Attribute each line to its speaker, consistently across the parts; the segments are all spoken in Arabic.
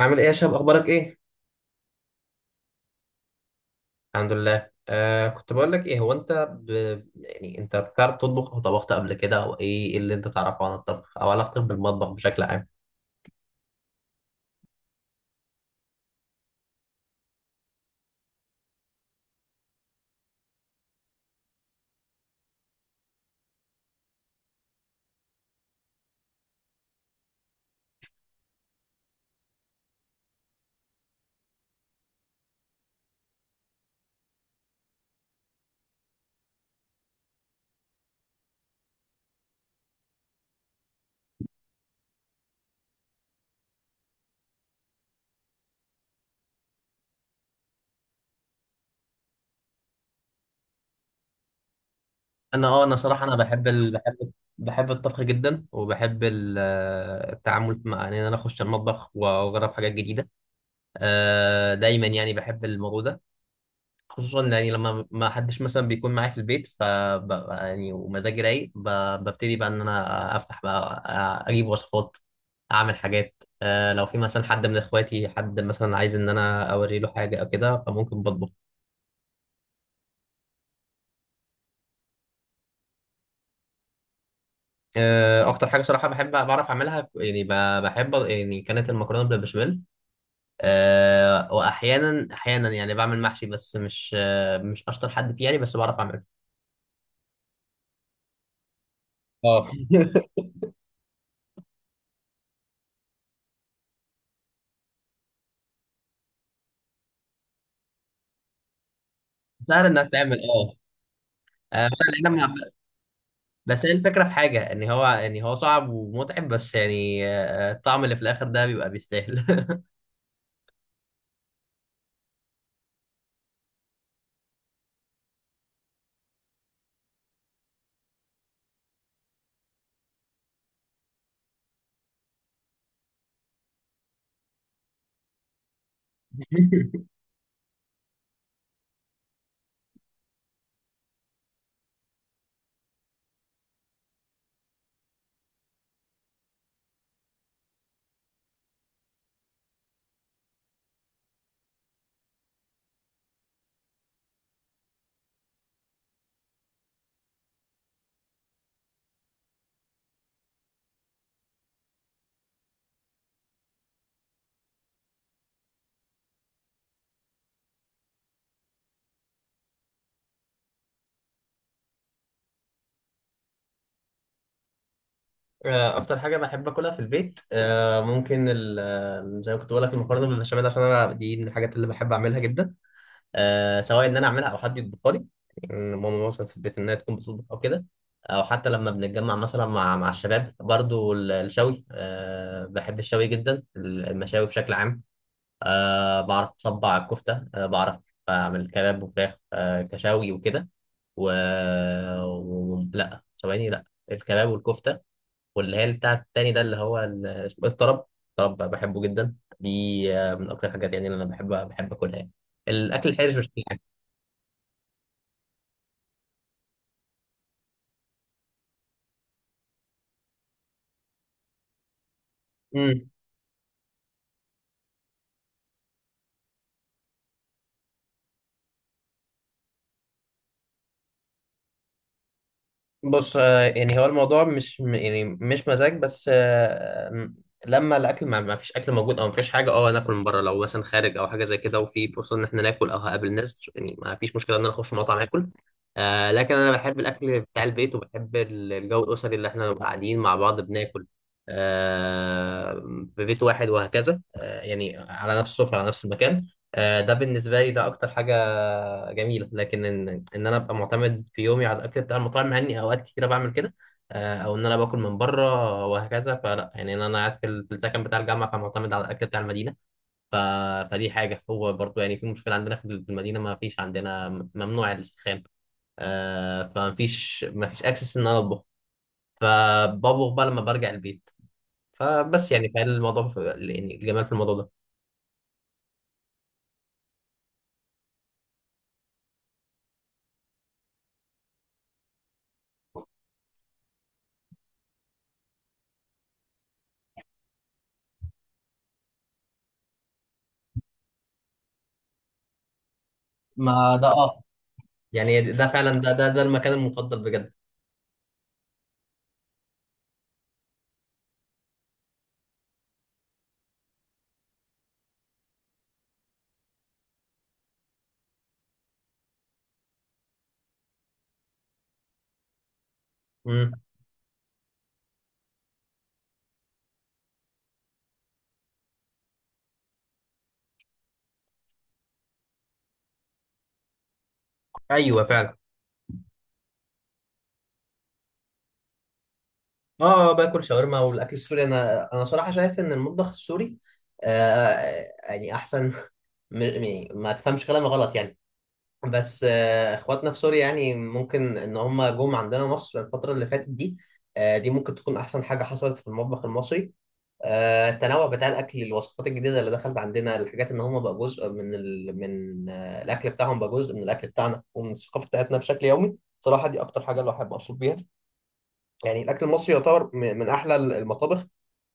Speaker 1: عامل ايه يا شباب؟ اخبارك ايه؟ الحمد لله. كنت بقول لك، ايه هو انت ب... يعني انت بتعرف تطبخ او طبخت قبل كده، او ايه اللي انت تعرفه عن الطبخ او علاقتك بالمطبخ بشكل عام؟ انا صراحه، انا بحب بحب الطبخ جدا، وبحب التعامل مع ان انا اخش المطبخ واجرب حاجات جديده. دايما يعني بحب الموضوع ده، خصوصا يعني لما ما حدش مثلا بيكون معايا في البيت، يعني ومزاجي رايق، ببتدي بقى ان انا افتح بقى، اجيب وصفات، اعمل حاجات. لو في مثلا حد من اخواتي، حد مثلا عايز ان انا اوري له حاجه او كده، فممكن بطبخ. اكتر حاجه صراحه بحب بعرف اعملها، يعني بحب، يعني كانت المكرونه بالبشاميل. واحيانا يعني بعمل محشي، بس مش مش اشطر حد فيه يعني، بس بعرف اعمله. اه. سهل انها تعمل. لان انا ما بس هي الفكرة في حاجة، ان هو صعب ومتعب، بس يعني الطعم اللي في الاخر ده بيبقى بيستاهل. اكتر حاجة بحب اكلها في البيت، آه، ممكن ال- آه، زي ما كنت بقول لك المكرونة بالبشاميل، عشان انا دي من الحاجات اللي بحب اعملها جدا. سواء ان انا اعملها او حد يطبخها لي، يعني ماما مثلا في البيت انها تكون بتطبخ او كده. او حتى لما بنتجمع مثلا مع الشباب، برضو الشوي، بحب الشوي جدا، المشاوي بشكل عام. بعرف أصبع الكفتة. بعرف أعمل كباب وفراخ. كشاوي وكده. و... لا، ثواني، لا. الكباب والكفتة، واللي هي بتاع التاني ده، اللي هو اسمه إيه؟ الطرب. الطرب بحبه جدا دي. من أكتر الحاجات يعني اللي أنا بحب أكلها يعني. الأكل الحرش، مش كل حاجة. مم. بص، يعني هو الموضوع مش يعني مش مزاج، بس لما الاكل ما ما فيش اكل موجود او ما فيش حاجه، اه ناكل من بره، لو مثلا خارج او حاجه زي كده، وفي فرصه ان احنا ناكل او هقابل ناس، يعني ما فيش مشكله ان انا اخش مطعم اكل. لكن انا بحب الاكل بتاع البيت، وبحب الجو الاسري اللي احنا نبقى قاعدين مع بعض بناكل آه في بيت واحد وهكذا، يعني على نفس السفره، على نفس المكان. ده بالنسبه لي، ده اكتر حاجه جميله، لكن ان انا ابقى معتمد في يومي على الاكل بتاع المطاعم، مع اني اوقات كتيره بعمل كده. او ان انا باكل من بره وهكذا، فلا يعني ان انا قاعد في السكن بتاع الجامعه، فمعتمد على الاكل بتاع المدينه. ف... فدي حاجه، هو برضو يعني في مشكله عندنا في المدينه، ما فيش عندنا ممنوع السخان. فما فيش ما فيش اكسس ان انا اطبخ، فبطبخ بقى لما برجع البيت، فبس يعني يعني الجمال في الموضوع ده. ما ده، اه. يعني ده فعلا، ده المكان المفضل بجد. امم. ايوه، فعلا. اه، باكل شاورما والاكل السوري. انا صراحه شايف ان المطبخ السوري يعني احسن. يعني ما تفهمش كلامي غلط يعني. بس اخواتنا في سوريا، يعني ممكن ان هم جم عندنا مصر الفتره اللي فاتت دي. دي ممكن تكون احسن حاجه حصلت في المطبخ المصري. التنوع بتاع الاكل، الوصفات الجديده اللي دخلت عندنا، الحاجات ان هم بقى جزء من الاكل بتاعهم، بقى جزء من الاكل بتاعنا ومن الثقافه بتاعتنا بشكل يومي. صراحه، دي اكتر حاجه اللي احب ابسط بيها. يعني الاكل المصري يعتبر من احلى المطابخ.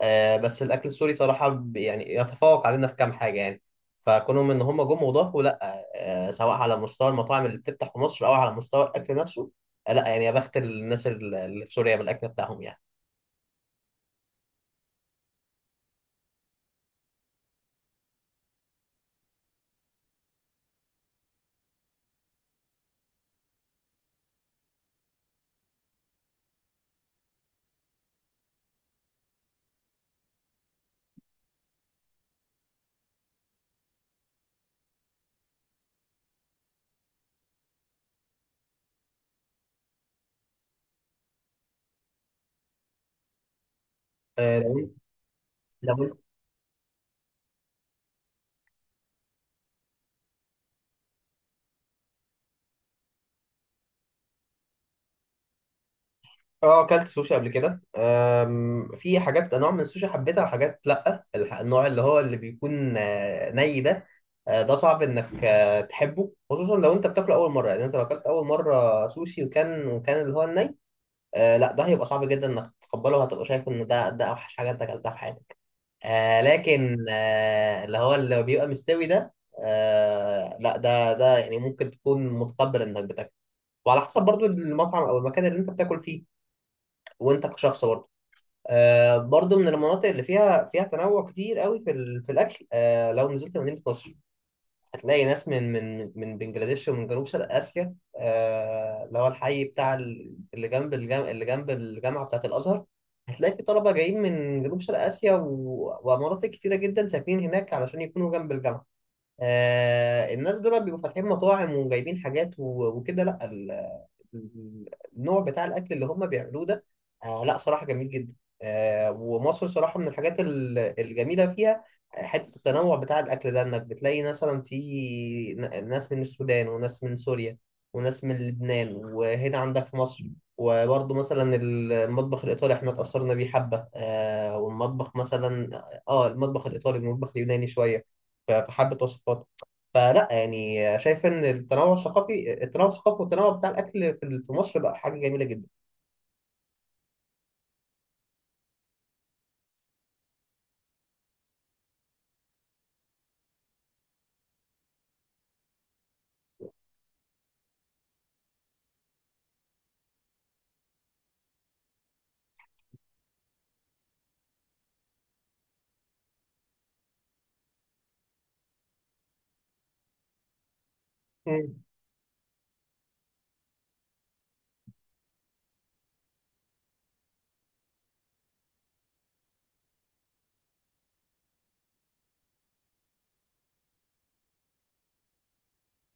Speaker 1: بس الاكل السوري صراحه، يعني يتفوق علينا في كام حاجه يعني. فكونهم ان هم جم وضافوا، لا سواء على مستوى المطاعم اللي بتفتح في مصر، او على مستوى الاكل نفسه. لا يعني يا بخت الناس اللي في سوريا بالاكل بتاعهم يعني. آه، لو اه اكلت سوشي قبل كده. في حاجات نوع من السوشي حبيتها، وحاجات لا. النوع اللي هو اللي بيكون ني ده. ده صعب انك تحبه، خصوصا لو انت بتاكله اول مره، يعني انت لو اكلت اول مره سوشي وكان اللي هو الني. لا، ده هيبقى صعب جدا انك تتقبله، وهتبقى شايف ان ده اوحش حاجه انت اكلتها في حياتك. لكن اللي هو اللي بيبقى مستوي ده، لا ده يعني ممكن تكون متقبل انك بتاكله، وعلى حسب برضو المطعم او المكان اللي انت بتاكل فيه، وانت كشخص برضه. برضو من المناطق اللي فيها تنوع كتير قوي في الاكل. لو نزلت مدينه نصر، هتلاقي ناس من بنجلاديش ومن جنوب شرق اسيا. اللي هو الحي بتاع ال- اللي جنب الجام... اللي جنب الجامعه بتاعه الازهر. هتلاقي في طلبه جايين من جنوب شرق اسيا ومناطق كتيره جدا ساكنين هناك علشان يكونوا جنب الجامعه. الناس دول بيبقوا فاتحين مطاعم وجايبين حاجات وكده. لا، النوع بتاع الاكل اللي هم بيعملوه ده، لا صراحه جميل جدا. ومصر صراحه من الحاجات الجميله فيها، حته التنوع بتاع الاكل ده، انك بتلاقي مثلا في ناس من السودان، وناس من سوريا، وناس من لبنان، وهنا عندك في مصر. وبرضه مثلا المطبخ الايطالي احنا اتاثرنا بيه حبه. آه والمطبخ مثلا اه المطبخ الايطالي والمطبخ اليوناني شويه، فحبه وصفات. فلا يعني، شايف ان التنوع الثقافي والتنوع بتاع الاكل في مصر بقى حاجه جميله جدا. مم.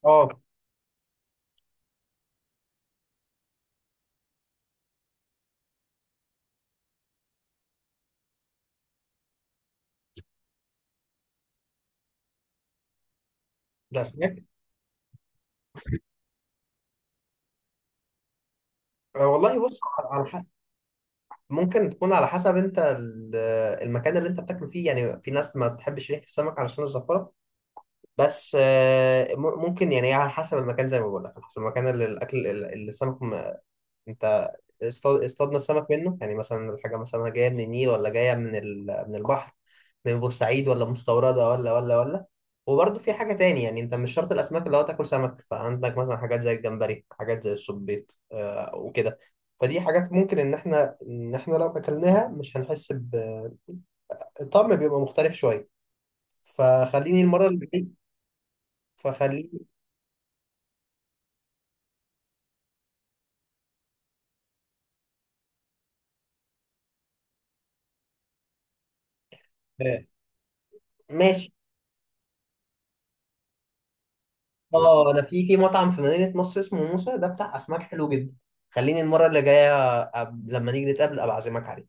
Speaker 1: اه، ده اسماك. والله، بص، على حق. ممكن تكون على حسب انت المكان اللي انت بتاكل فيه، يعني في ناس ما تحبش ريحه السمك علشان الزفره. بس ممكن يعني على حسب المكان، زي ما بقول لك، على حسب المكان، اللي الاكل اللي السمك، انت اصطادنا السمك منه، يعني مثلا الحاجة مثلا جاية من النيل، ولا جاية من البحر، من بورسعيد، ولا مستوردة، ولا. وبرضه في حاجة تاني، يعني انت مش شرط الأسماك اللي هو تاكل سمك، فعندك مثلا حاجات زي الجمبري، حاجات زي السبيط وكده. فدي حاجات، ممكن ان احنا لو اكلناها، مش هنحس الطعم بيبقى مختلف شوية. فخليني المرة اللي جاية. فخليني. آه، ماشي. اه، انا في مطعم في مدينة نصر اسمه موسى، ده بتاع اسماك حلو جدا. خليني المرة اللي جاية، لما نيجي نتقابل ابقى اعزمك عليه.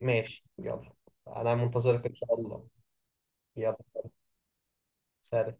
Speaker 1: ماشي، يلا، انا منتظرك ان شاء الله. يلا، سلام.